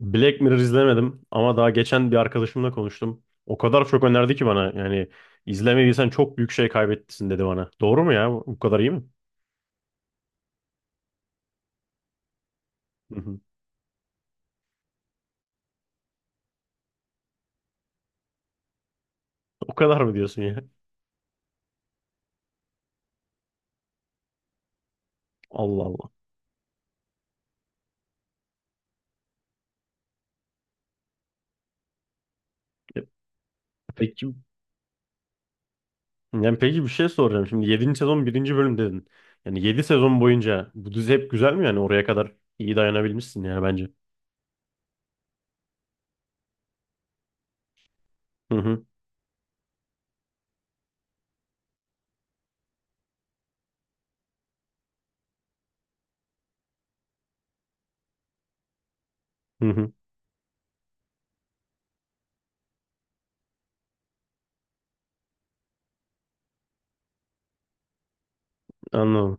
Black Mirror izlemedim ama daha geçen bir arkadaşımla konuştum. O kadar çok önerdi ki bana yani izlemediysen çok büyük şey kaybettin dedi bana. Doğru mu ya? Bu kadar iyi mi? Hı hı. O kadar mı diyorsun ya? Allah Allah. E, Peki yani peki bir şey soracağım. Şimdi 7. sezon birinci bölüm dedin. Yani 7 sezon boyunca bu dizi hep güzel mi, yani oraya kadar iyi dayanabilmişsin yani bence. Hı hı. Hı hı. Anladım.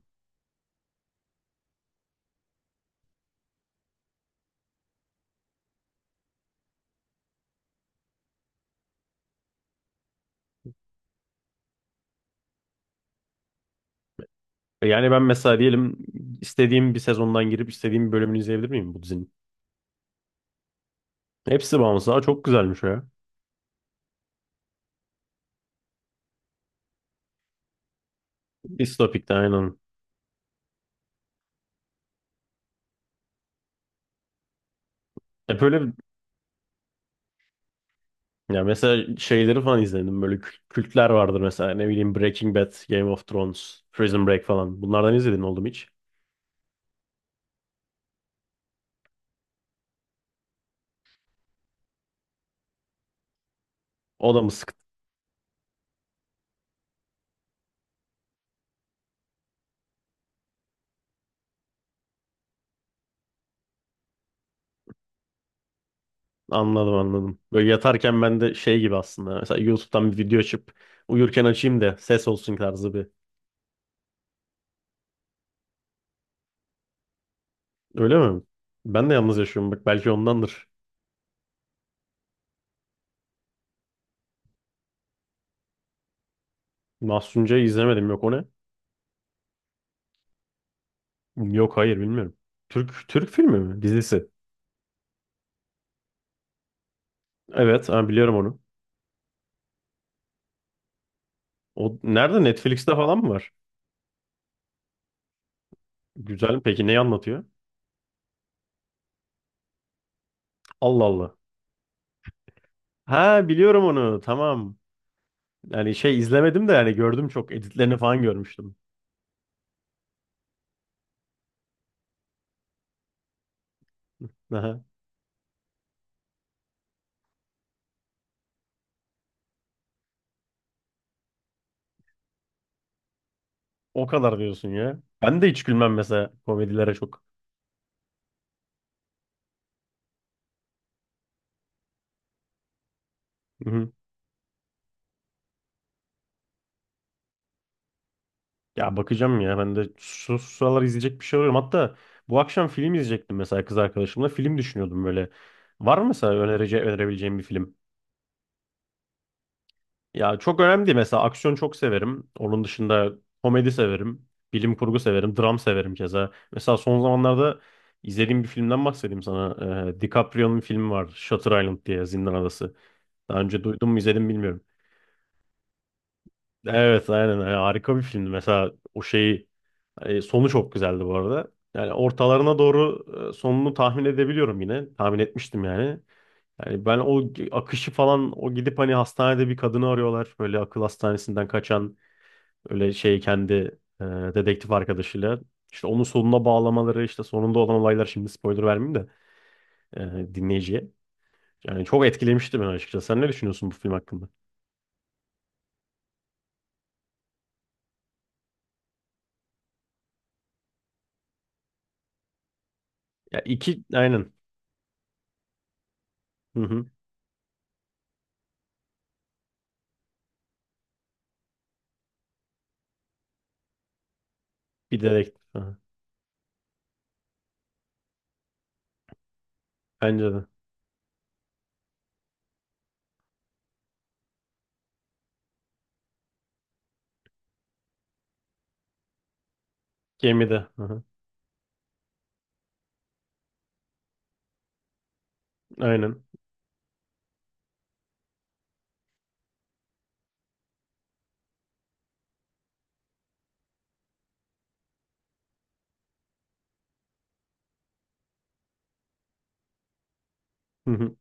Yani ben mesela diyelim, istediğim bir sezondan girip istediğim bir bölümünü izleyebilir miyim bu dizinin? Hepsi bağımsız. Aa, çok güzelmiş o ya. Distopik'te aynen. Hep öyle ya, mesela şeyleri falan izledim. Böyle kültler vardır mesela. Ne bileyim, Breaking Bad, Game of Thrones, Prison Break falan. Bunlardan izledin oldum hiç. O da mı sıktı? Anladım anladım. Böyle yatarken ben de şey gibi aslında. Mesela YouTube'dan bir video açıp uyurken açayım da ses olsun tarzı bir. Öyle mi? Ben de yalnız yaşıyorum bak, belki ondandır. Mahsunca'yı izlemedim, yok o ne? Yok, hayır, bilmiyorum. Türk filmi mi? Dizisi. Evet ha, biliyorum onu. O nerede, Netflix'te falan mı var? Güzel mi? Peki neyi anlatıyor? Allah Allah. Ha, biliyorum onu. Tamam. Yani şey izlemedim de yani gördüm çok. Editlerini falan görmüştüm. Aha. O kadar diyorsun ya. Ben de hiç gülmem mesela, komedilere çok. Hı-hı. Ya bakacağım ya. Ben de şu sıralar izleyecek bir şey arıyorum. Hatta bu akşam film izleyecektim mesela, kız arkadaşımla. Film düşünüyordum böyle. Var mı mesela önerebileceğim bir film? Ya çok önemli değil. Mesela aksiyon çok severim. Onun dışında komedi severim. Bilim kurgu severim. Dram severim keza. Mesela son zamanlarda izlediğim bir filmden bahsedeyim sana. DiCaprio'nun filmi var. Shutter Island diye, Zindan Adası. Daha önce duydum mu izledim bilmiyorum. Evet aynen. Yani harika bir filmdi. Mesela o şeyi, sonu çok güzeldi bu arada. Yani ortalarına doğru sonunu tahmin edebiliyorum yine. Tahmin etmiştim yani. Yani ben o akışı falan, o gidip hani hastanede bir kadını arıyorlar. Böyle akıl hastanesinden kaçan, öyle şey, kendi dedektif arkadaşıyla işte onun sonuna bağlamaları, işte sonunda olan olaylar, şimdi spoiler vermeyeyim de dinleyiciye. Yani çok etkilemişti beni açıkçası. Sen ne düşünüyorsun bu film hakkında? Ya iki aynen. Hı hı. Bir dedektif. Hı hı. Bence de. Gemide. Hı hı. Aynen. Hı hı.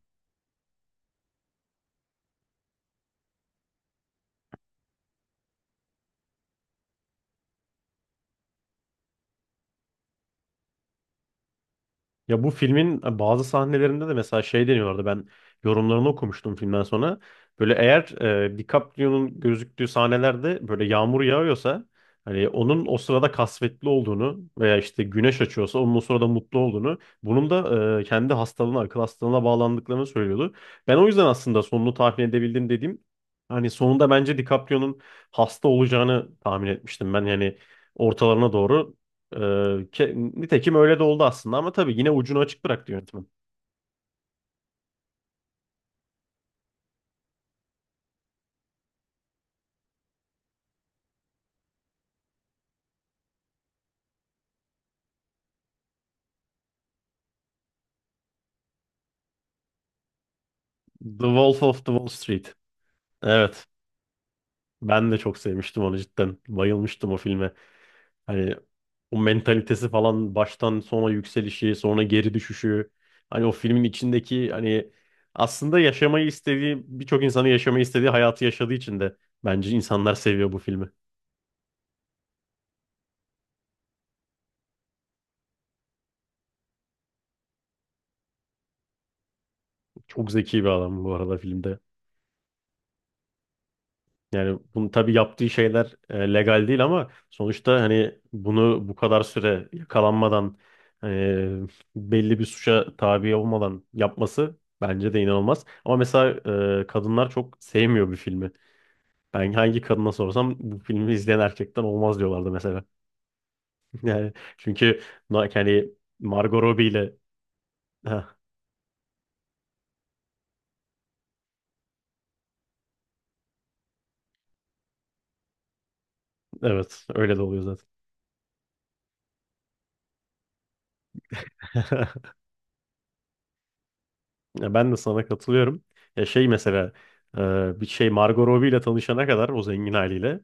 Ya bu filmin bazı sahnelerinde de mesela şey deniyorlardı. Ben yorumlarını okumuştum filmden sonra. Böyle eğer DiCaprio'nun gözüktüğü sahnelerde böyle yağmur yağıyorsa hani onun o sırada kasvetli olduğunu, veya işte güneş açıyorsa onun o sırada mutlu olduğunu, bunun da kendi hastalığına, akıl hastalığına bağlandıklarını söylüyordu. Ben o yüzden aslında sonunu tahmin edebildim dediğim, hani sonunda bence DiCaprio'nun hasta olacağını tahmin etmiştim. Ben yani ortalarına doğru ee, nitekim öyle de oldu aslında, ama tabii yine ucunu açık bıraktı yönetmen. The Wolf of the Wall Street. Evet. Ben de çok sevmiştim onu cidden. Bayılmıştım o filme. Hani o mentalitesi falan, baştan sona yükselişi, sonra geri düşüşü. Hani o filmin içindeki hani aslında yaşamayı istediği, birçok insanın yaşamayı istediği hayatı yaşadığı için de bence insanlar seviyor bu filmi. Çok zeki bir adam bu arada filmde. Yani bunu tabii, yaptığı şeyler legal değil ama sonuçta hani bunu bu kadar süre yakalanmadan, e, belli bir suça tabi olmadan yapması bence de inanılmaz. Ama mesela kadınlar çok sevmiyor bir filmi. Ben hangi kadına sorsam bu filmi izleyen erkekten olmaz diyorlardı mesela. Yani çünkü yani Margot Robbie ile, heh, evet öyle de oluyor zaten. Ya ben de sana katılıyorum. Ya şey mesela, bir şey, Margot Robbie ile tanışana kadar o zengin haliyle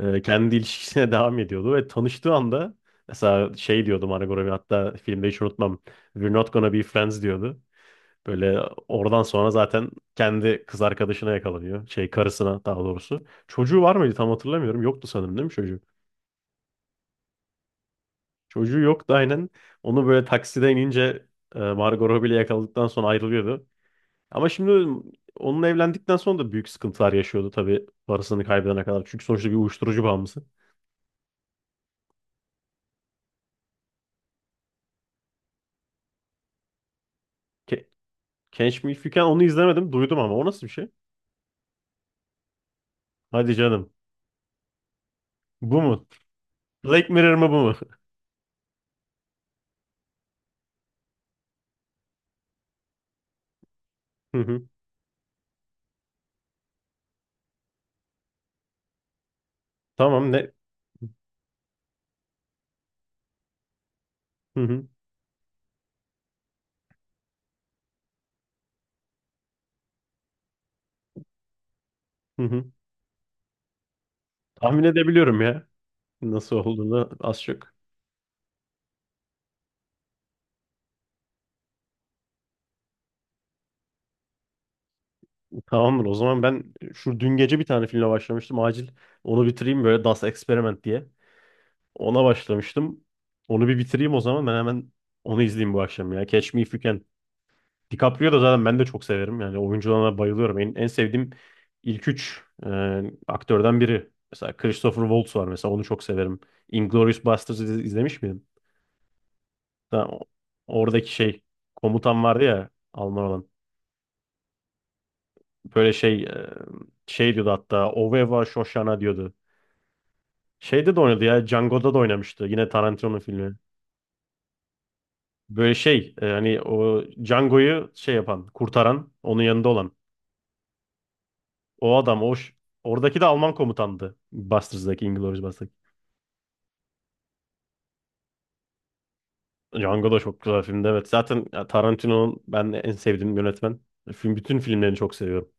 kendi ilişkisine devam ediyordu ve tanıştığı anda mesela şey diyordu Margot Robbie, hatta filmde hiç unutmam, We're not gonna be friends diyordu. Böyle oradan sonra zaten kendi kız arkadaşına yakalanıyor. Şey, karısına daha doğrusu. Çocuğu var mıydı tam hatırlamıyorum. Yoktu sanırım, değil mi çocuğu? Çocuğu yoktu aynen. Onu böyle taksiden inince Margot Robbie ile yakaladıktan sonra ayrılıyordu. Ama şimdi onunla evlendikten sonra da büyük sıkıntılar yaşıyordu tabii, parasını kaybedene kadar. Çünkü sonuçta bir uyuşturucu bağımlısı. Ke Catch Me If You Can, onu izlemedim. Duydum ama o nasıl bir şey? Hadi canım. Bu mu? Black Mirror mı, bu mu? Hı hı. Tamam, ne? Hı hı. Hı hı. Tahmin edebiliyorum ya. Nasıl olduğunu az çok. Tamamdır o zaman. Ben şu dün gece bir tane filme başlamıştım. Acil onu bitireyim, böyle Das Experiment diye. Ona başlamıştım. Onu bir bitireyim o zaman. Ben hemen onu izleyeyim bu akşam ya. Catch Me If You Can. DiCaprio da zaten, ben de çok severim. Yani oyunculuğuna bayılıyorum. En sevdiğim ilk üç aktörden biri. Mesela Christopher Waltz var, mesela onu çok severim. Inglourious Basterds'ı izlemiş miydin? Ha, oradaki şey, komutan vardı ya Alman olan. Böyle şey, şey diyordu hatta, Oveva Shoshana diyordu. Şeyde de oynadı ya, Django'da da oynamıştı. Yine Tarantino'nun filmi. Böyle şey, hani o Django'yu şey yapan, kurtaran, onun yanında olan. O adam o oradaki de Alman komutandı. Busters'daki, Inglourious Basterds. Django da çok güzel filmdi evet. Zaten ya, Tarantino'nun, ben en sevdiğim yönetmen. Bütün filmlerini çok seviyorum.